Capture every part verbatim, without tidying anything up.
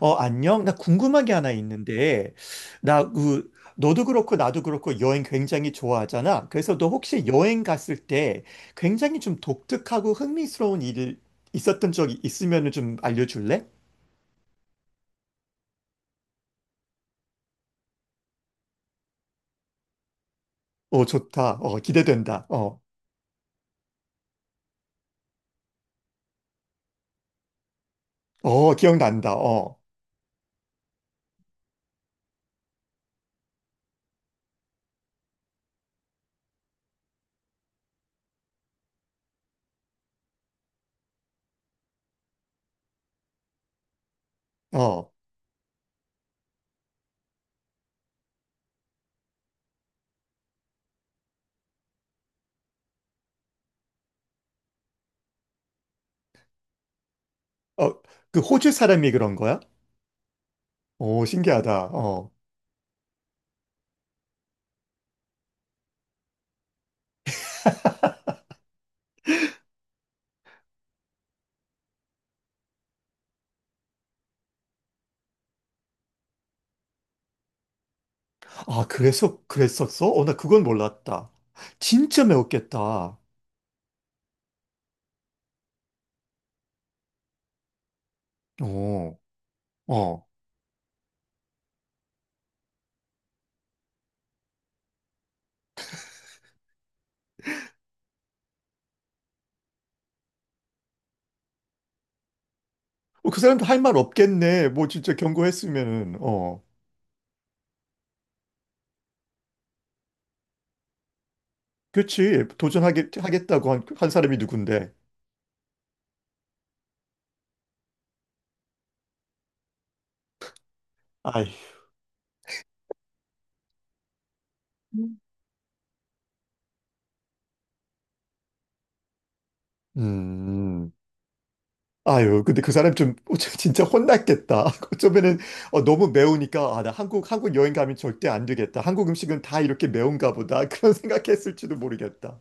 어, 안녕? 나 궁금한 게 하나 있는데, 나, 그, 너도 그렇고 나도 그렇고 여행 굉장히 좋아하잖아. 그래서 너 혹시 여행 갔을 때 굉장히 좀 독특하고 흥미스러운 일 있었던 적이 있으면 좀 알려줄래? 어, 좋다. 어, 기대된다. 어, 어, 기억난다. 어, 어, 어, 그 호주 사람이 그런 거야? 오, 신기하다. 어. 아, 그래서 그랬었어? 어, 나 그건 몰랐다. 진짜 매웠겠다. 어, 어. 어, 그 사람도 할 말 없겠네. 뭐 진짜 경고했으면은. 어, 그렇지. 도전하게 하겠다고 한, 한 사람이 누군데. 아이. 음. 아유, 근데 그 사람 좀 어, 저- 진짜 혼났겠다. 어쩌면은 어, 너무 매우니까. 아, 나 한국 한국 여행 가면 절대 안 되겠다. 한국 음식은 다 이렇게 매운가 보다. 그런 생각했을지도 모르겠다.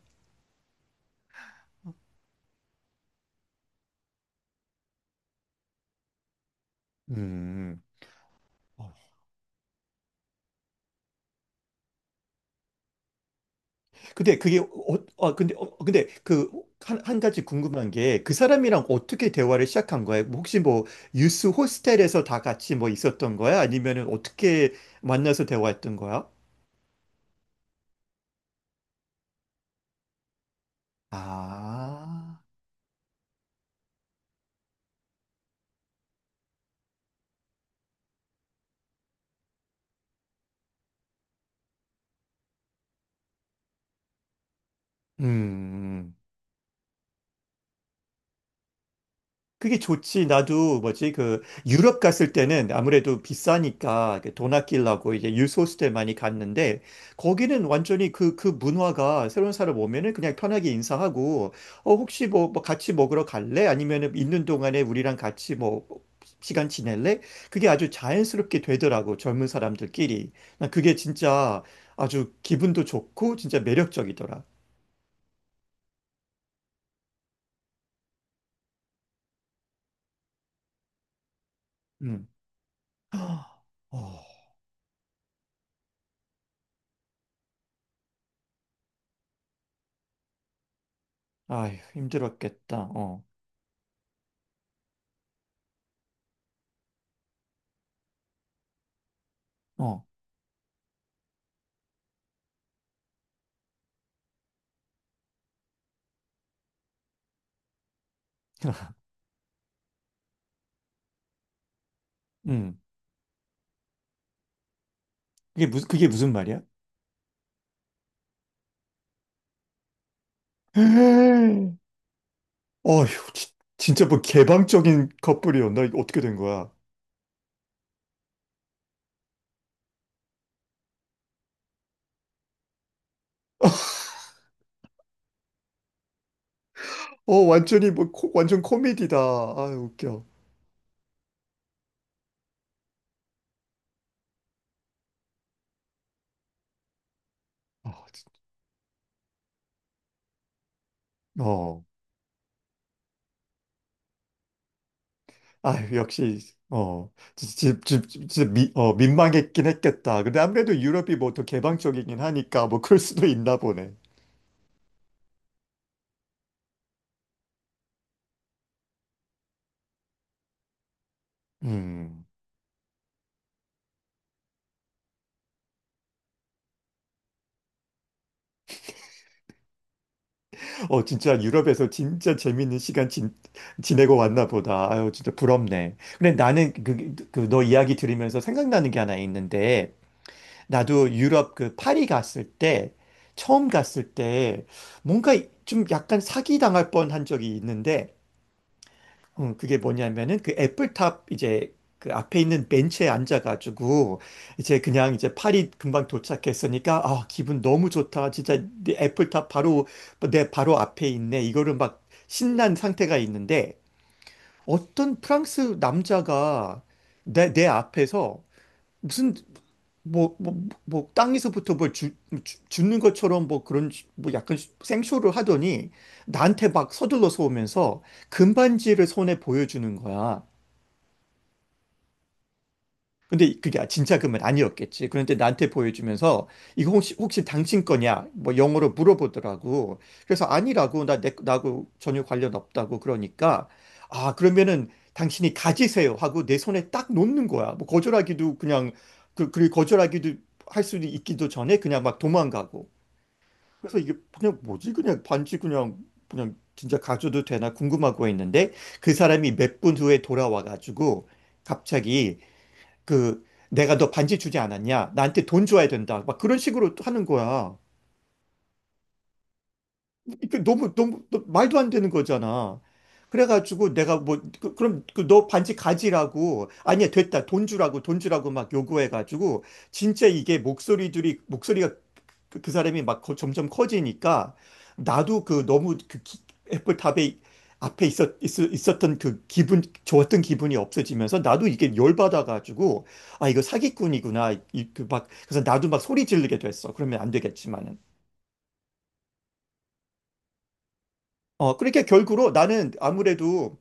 음. 근데 그게 어, 어 근데 어, 근데 그 한, 한 가지 궁금한 게 그 사람이랑 어떻게 대화를 시작한 거예요? 혹시 뭐 유스 호스텔에서 다 같이 뭐 있었던 거야? 아니면은 어떻게 만나서 대화했던 거야? 아, 음. 음. 그게 좋지. 나도 뭐지, 그 유럽 갔을 때는 아무래도 비싸니까 그돈 아끼려고 이제 유스호스텔 많이 갔는데, 거기는 완전히 그 그 문화가 새로운 사람 오면은 그냥 편하게 인사하고 어 혹시 뭐, 뭐 같이 먹으러 갈래? 아니면은 있는 동안에 우리랑 같이 뭐 시간 지낼래? 그게 아주 자연스럽게 되더라고 젊은 사람들끼리. 난 그게 진짜 아주 기분도 좋고 진짜 매력적이더라. 음. 어, 아휴, 힘들었겠다. 어. 어. 음. 그게 무슨 그게 무슨 말이야? 어휴, 지- 진짜 뭐 개방적인 커플이었나? 이거 어떻게 된 거야? 어, 완전히 뭐 코- 완전 코미디다. 아, 웃겨. 아, 지- 어. 아, 역시. 어. 진짜. 진짜 미, 어, 민망했긴 했겠다. 근데 아무래도 유럽이 뭐 더 개방적이긴 하니까 뭐 그럴 수도 있나 보네. 음. 어, 진짜 유럽에서 진짜 재밌는 시간 진, 지내고 왔나 보다. 아유, 진짜 부럽네. 근데 나는 그, 그, 너 이야기 들으면서 생각나는 게 하나 있는데, 나도 유럽 그 파리 갔을 때, 처음 갔을 때, 뭔가 좀 약간 사기당할 뻔한 적이 있는데, 음, 그게 뭐냐면은 그 애플탑 이제 그 앞에 있는 벤치에 앉아가지고 이제 그냥 이제 파리 금방 도착했으니까 아 기분 너무 좋다 진짜 내 애플탑 바로 내 바로 앞에 있네 이거를 막 신난 상태가 있는데 어떤 프랑스 남자가 내, 내 앞에서 무슨 뭐 뭐 뭐 땅에서부터 뭘 주, 주, 줍는 것처럼 뭐 그런 시- 뭐 약간 생쇼를 하더니 나한테 막 서둘러서 오면서 금반지를 손에 보여주는 거야. 근데 그게 진짜 금은 아니었겠지. 그런데 나한테 보여주면서 이거 혹시 혹시 당신 거냐? 뭐 영어로 물어보더라고. 그래서 아니라고, 나 내, 나하고 전혀 관련 없다고 그러니까 아 그러면은 당신이 가지세요 하고 내 손에 딱 놓는 거야. 뭐 거절하기도 그냥 그 그리고 거절하기도 할 수도 있기도 전에 그냥 막 도망가고. 그래서 이게 그냥 뭐지? 그냥 반지 그냥 그냥 진짜 가져도 되나 궁금하고 했는데 그 사람이 몇 분 후에 돌아와 가지고 갑자기 그 내가 너 반지 주지 않았냐? 나한테 돈 줘야 된다. 막 그런 식으로 또 하는 거야. 이게 너무 너무 너- 말도 안 되는 거잖아. 그래가지고 내가 뭐 그, 럼 그 너 반지 가지라고, 아니야 됐다 돈 주라고 돈 주라고 막 요구해가지고 진짜 이게 목소리들이 목소리가, 그, 그 사람이 막 거- 점점 커지니까 나도 그 너무 그 기- 애플 탑에 앞에 있었, 있었, 던그 기분 좋았던 기분이 없어지면서 나도 이게 열받아가지고 아 이거 사기꾼이구나. 이, 그 막, 그래서 나도 막 소리 지르게 됐어. 그러면 안 되겠지만은 어, 그러니까 결국으로 나는 아무래도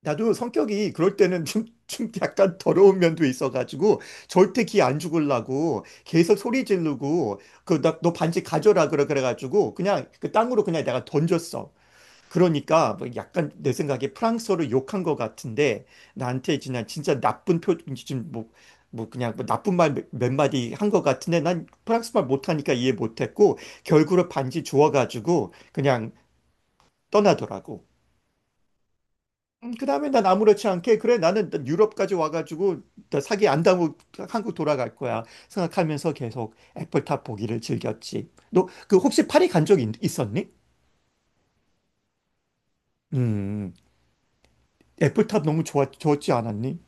나도 성격이 그럴 때는 좀, 좀 약간 더러운 면도 있어가지고 절대 기 안 죽으려고 계속 소리 지르고 그 나 너 반지 가져라, 그래. 그래가지고 그냥 그 땅으로 그냥 내가 던졌어. 그러니까 뭐 약간 내 생각에 프랑스어를 욕한 것 같은데 나한테 그냥 진짜 나쁜 표 지금 뭐, 뭐 그냥 뭐 나쁜 말 몇 마디 한 것 같은데 난 프랑스 말 못하니까 이해 못했고 결국은 반지 주워가지고 그냥 떠나더라고. 음, 그다음에 난 아무렇지 않게, 그래 나는 유럽까지 와가지고 나 사기 안 당하고 한국 돌아갈 거야 생각하면서 계속 애플탑 보기를 즐겼지. 너 그 혹시 파리 간 적 있었니? 음, 애플탑 너무 좋았, 좋았지 않았니?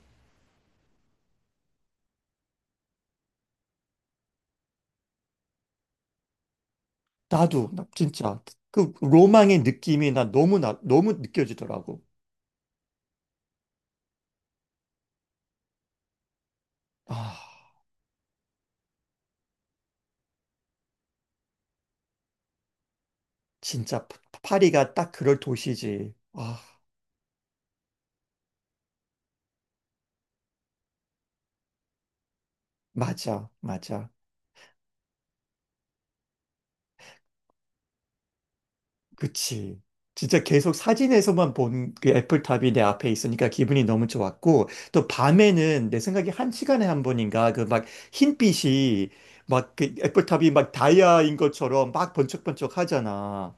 나도 나 진짜 그 로망의 느낌이 나 너무 나 너무 느껴지더라고. 아, 진짜. 파- 파리가 딱 그럴 도시지. 아, 맞아, 맞아. 그치. 진짜 계속 사진에서만 본 그 애플탑이 내 앞에 있으니까 기분이 너무 좋았고, 또 밤에는 내 생각에 한 시간에 한 번인가, 그 막 흰빛이 막, 그 애플탑이 막 다이아인 것처럼 막 번쩍번쩍 하잖아.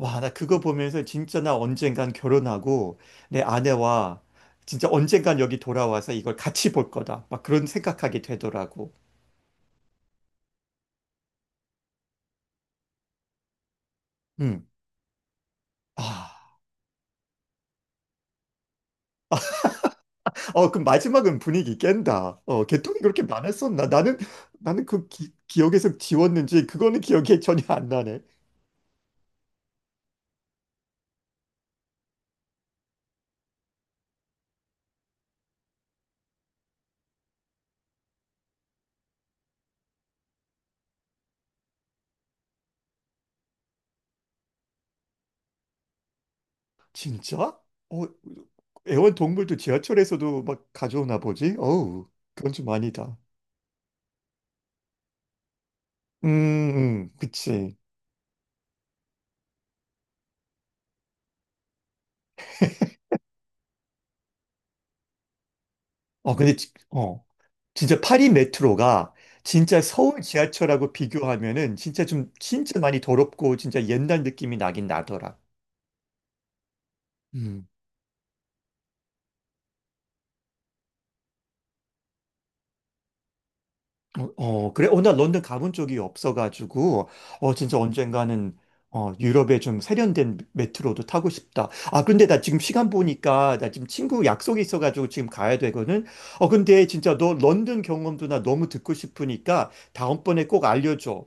와, 나 그거 보면서 진짜 나 언젠간 결혼하고 내 아내와 진짜 언젠간 여기 돌아와서 이걸 같이 볼 거다. 막 그런 생각하게 되더라고. 음. 아, 어, 그럼 마지막은 분위기 깬다. 어, 개통이 그렇게 많았었나? 나는, 나는 그 기, 기억에서 지웠는지 그거는 기억이 전혀 안 나네. 진짜? 어, 애완동물도 지하철에서도 막 가져오나 보지? 어우, 그건 좀 아니다. 음, 음, 그치. 어, 근데, 지- 어. 진짜 파리 메트로가 진짜 서울 지하철하고 비교하면은 진짜 좀 진짜 많이 더럽고 진짜 옛날 느낌이 나긴 나더라. 음. 어, 어, 그래. 어, 나 런던 가본 적이 없어가지고, 어, 진짜 언젠가는, 어, 유럽의 좀 세련된 메트로도 타고 싶다. 아, 근데 나 지금 시간 보니까, 나 지금 친구 약속이 있어가지고 지금 가야 되거든. 어, 근데 진짜 너 런던 경험도 나 너무 듣고 싶으니까 다음번에 꼭 알려줘.